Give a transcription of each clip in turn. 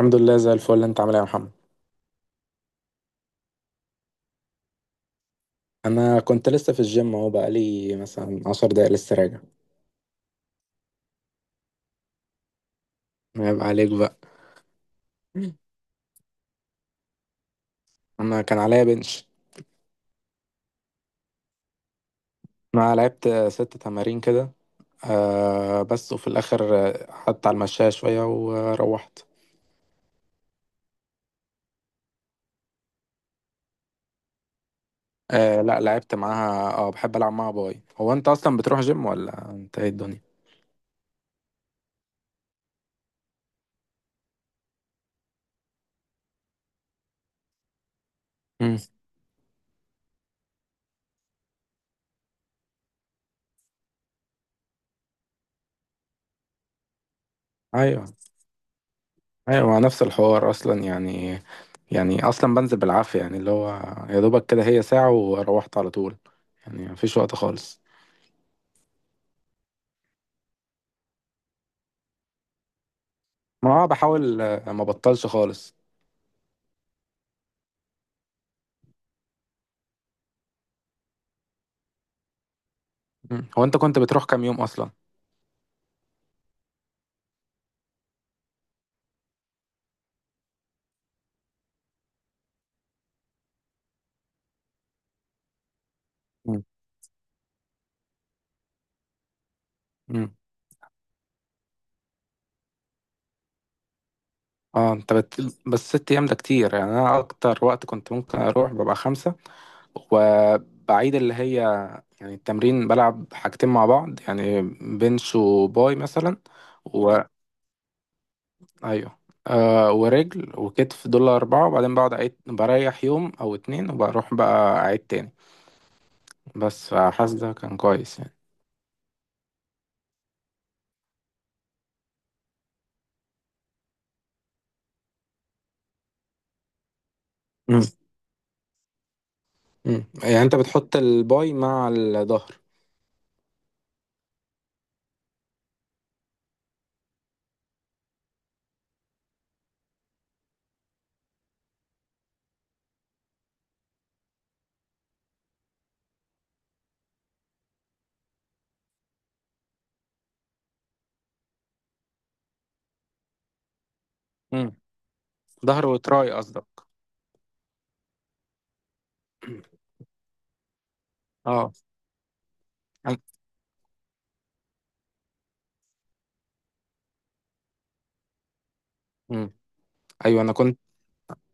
الحمد لله زي الفل. انت عامل ايه يا محمد؟ انا كنت لسه في الجيم اهو، بقالي مثلا 10 دقايق لسه راجع. عيب عليك بقى. انا كان عليا بنش. انا لعبت 6 تمارين كده. بس وفي الاخر قعدت على المشاية شوية وروحت. آه، لا لعبت معاها. اه بحب العب معاها باي. هو انت اصلا بتروح جيم ولا انت ايه الدنيا؟ مم. ايوه، ايوه، نفس الحوار اصلا يعني. يعني اصلا بنزل بالعافية يعني اللي هو يا دوبك كده هي ساعة، وروحت على طول. يعني مفيش وقت خالص. ما بحاول، ما بطلش خالص. مم. هو انت كنت بتروح كام يوم اصلا؟ مم. مم. اه انت بت... بس ست ايام ده كتير. يعني انا اكتر وقت كنت ممكن اروح ببقى خمسة، وبعيد اللي هي، يعني التمرين بلعب حاجتين مع بعض يعني، بنش وباي مثلا، و، ايوه، آه، ورجل وكتف، دول اربعة، وبعدين بقعد أعيد، بريح يوم او اتنين وبروح بقى اعيد تاني. بس فحاسس ده كان كويس يعني. مم. مم. يعني انت بتحط الباي مع الظهر؟ ظهر وتراي قصدك؟ اه. أنا... مم. ايوه، انا كنت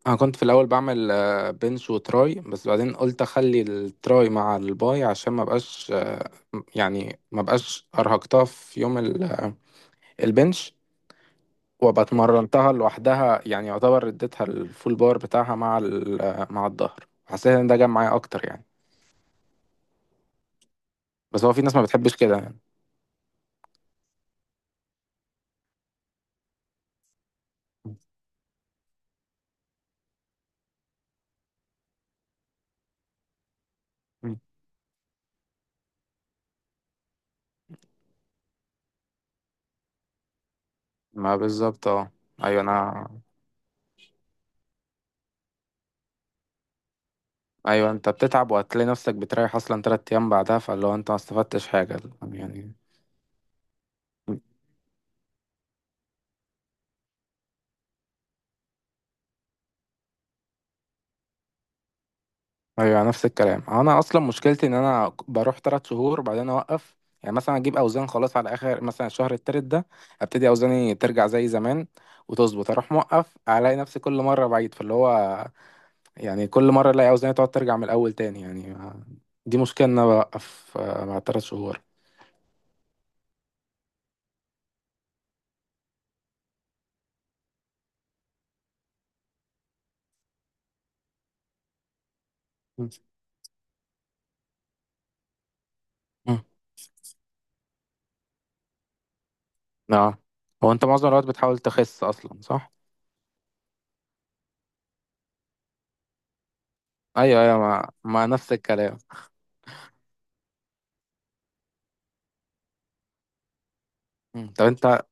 انا كنت في الاول بعمل بنش وتراي، بس بعدين قلت اخلي التراي مع الباي عشان ما بقاش يعني ما بقاش ارهقتها في يوم البنش، وابقى اتمرنتها لوحدها يعني. يعتبر اديتها الفول بار بتاعها مع مع الظهر. حسيت ان ده جاب معايا اكتر يعني. بس هو في ناس ما بتحبش كده يعني. مم. ما بالظبط، اه. ايوه، انا، ايوه، انت بتتعب وهتلاقي نفسك بتريح اصلا 3 ايام بعدها، فاللي هو انت ما استفدتش حاجه يعني. ايوه، نفس الكلام. انا اصلا مشكلتي ان انا بروح 3 شهور بعدين اوقف. يعني مثلا اجيب اوزان خلاص على اخر مثلا الشهر التالت ده، ابتدي اوزاني ترجع زي زمان وتظبط، اروح موقف، الاقي نفسي كل مره بعيد، فاللي هو يعني كل مره الاقي اوزاني تقعد ترجع من الاول تاني يعني. دي مشكله ان انا بوقف بعد 3 شهور. مم. نعم. هو انت معظم الوقت بتحاول تخس اصلا، صح؟ ايوه، ايوه، ما نفس الكلام. مم. طب انت.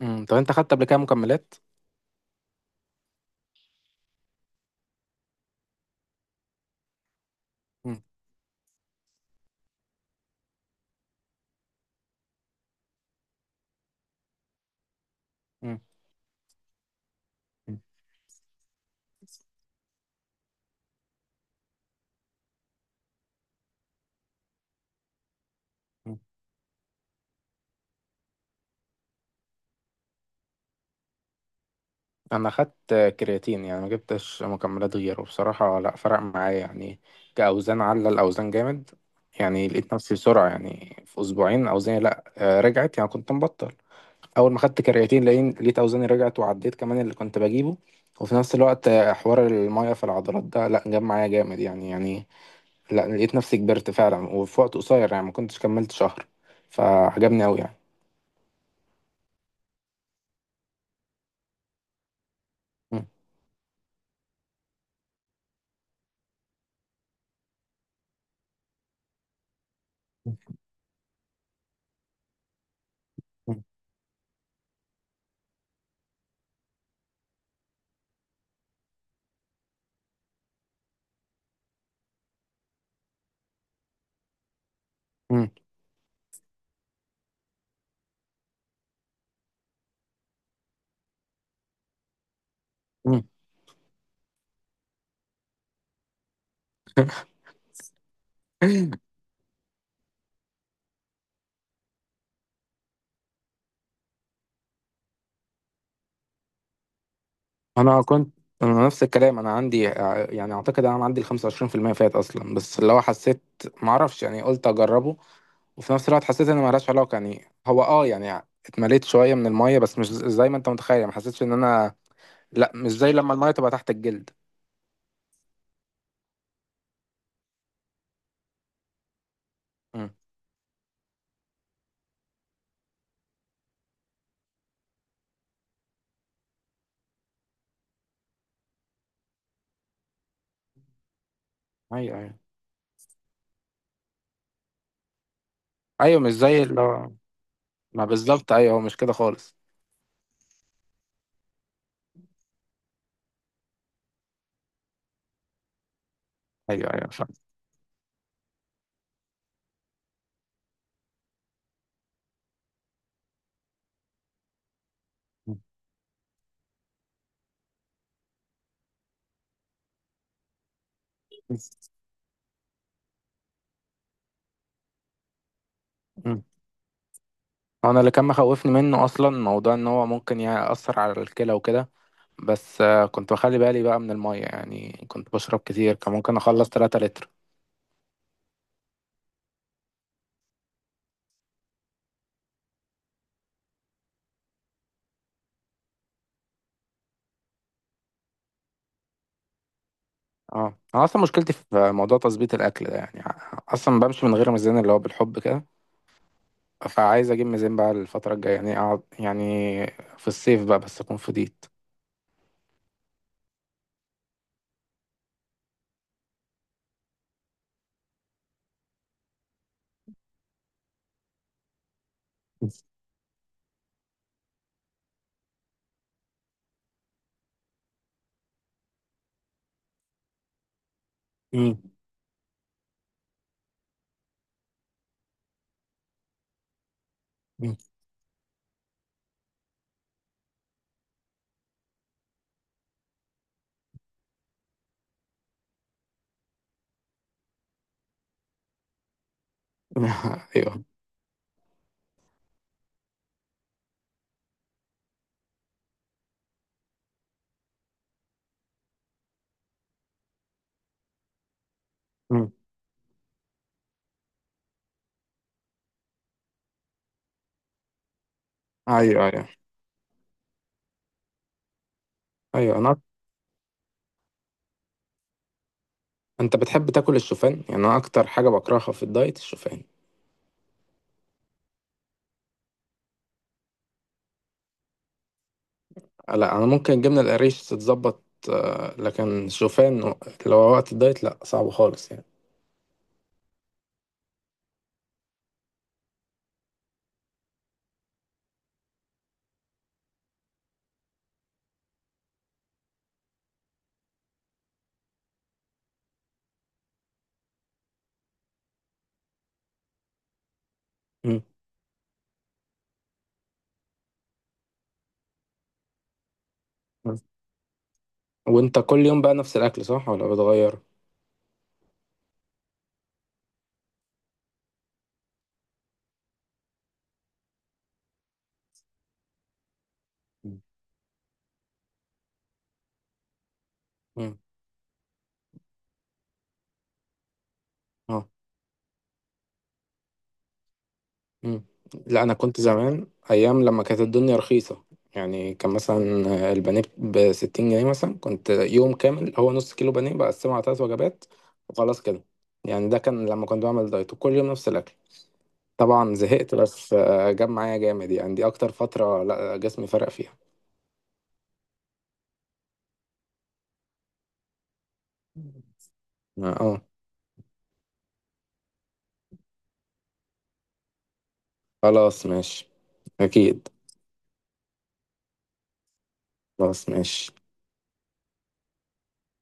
مم. طب انت خدت قبل كده مكملات؟ مم. مم. مم. مم. انا خدت كرياتين. يعني ما جبتش مكملات غيره بصراحة. لا فرق معايا يعني كأوزان. على الأوزان جامد يعني. لقيت نفسي بسرعة يعني في أسبوعين أوزاني، لا، رجعت، يعني كنت مبطل. أول ما خدت كرياتين لقيت أوزاني رجعت وعديت كمان اللي كنت بجيبه. وفي نفس الوقت حوار المية في العضلات ده، لا، جاب معايا جامد يعني. يعني لا، لقيت نفسي كبرت فعلا وفي وقت قصير. يعني ما كنتش كملت شهر، فعجبني أوي يعني. مم. مم. مم. مم. انا كنت. انا نفس الكلام. انا عندي يعني اعتقد انا عندي ال 25% فات اصلا، بس اللي هو حسيت، ما اعرفش، يعني قلت اجربه. وفي نفس الوقت حسيت ان ملهاش علاقه. يعني هو، اه، يعني اتمليت شويه من الميه، بس مش زي ما انت متخيل. ما حسيتش ان انا، لا، مش زي لما الميه تبقى تحت الجلد. مم. ايوه، ايوه. ايوه، مش زي اللي هو، ما بالظبط، ايوه، هو مش كده خالص. ايوه، ايوه، فاهم. مم. مم. انا اللي كان مخوفني منه اصلا موضوع ان هو ممكن يأثر على الكلى وكده. بس كنت بخلي بالي بقى من المية. يعني كنت بشرب كتير، كان ممكن أخلص 3 لتر. اه، أنا أصلا مشكلتي في موضوع تظبيط الأكل ده يعني. أصلا بمشي من غير ميزان، اللي هو بالحب كده. فعايز أجيب ميزان بقى الفترة الجاية، يعني أقعد، يعني في الصيف بقى، بس أكون فضيت. مم. مم. أيوه. مم. أيوه، أيوه، أيوه. أنت بتحب تاكل الشوفان؟ يعني أنا أكتر حاجة بكرهها في الدايت الشوفان. لا، انا ممكن الجبنه القريش تتظبط، لكن شوفان لو وقت الدايت لا، صعب خالص يعني. مم. مم. وانت كل يوم بقى نفس الاكل صح ولا بتغير؟ مم. مم. اه. مم. لا انا كنت زمان ايام لما كانت الدنيا رخيصه، يعني كان مثلا البانيه ب 60 جنيه مثلا. كنت يوم كامل هو نص كيلو بانيه بقسمه على 3 وجبات وخلاص كده. يعني ده كان لما كنت بعمل دايت وكل يوم نفس الاكل، طبعا زهقت، بس جاب معايا جامد يعني. دي اكتر فتره لا جسمي فرق فيها. اه. آه. خلاص ماشي. اكيد. خلاص ماشي.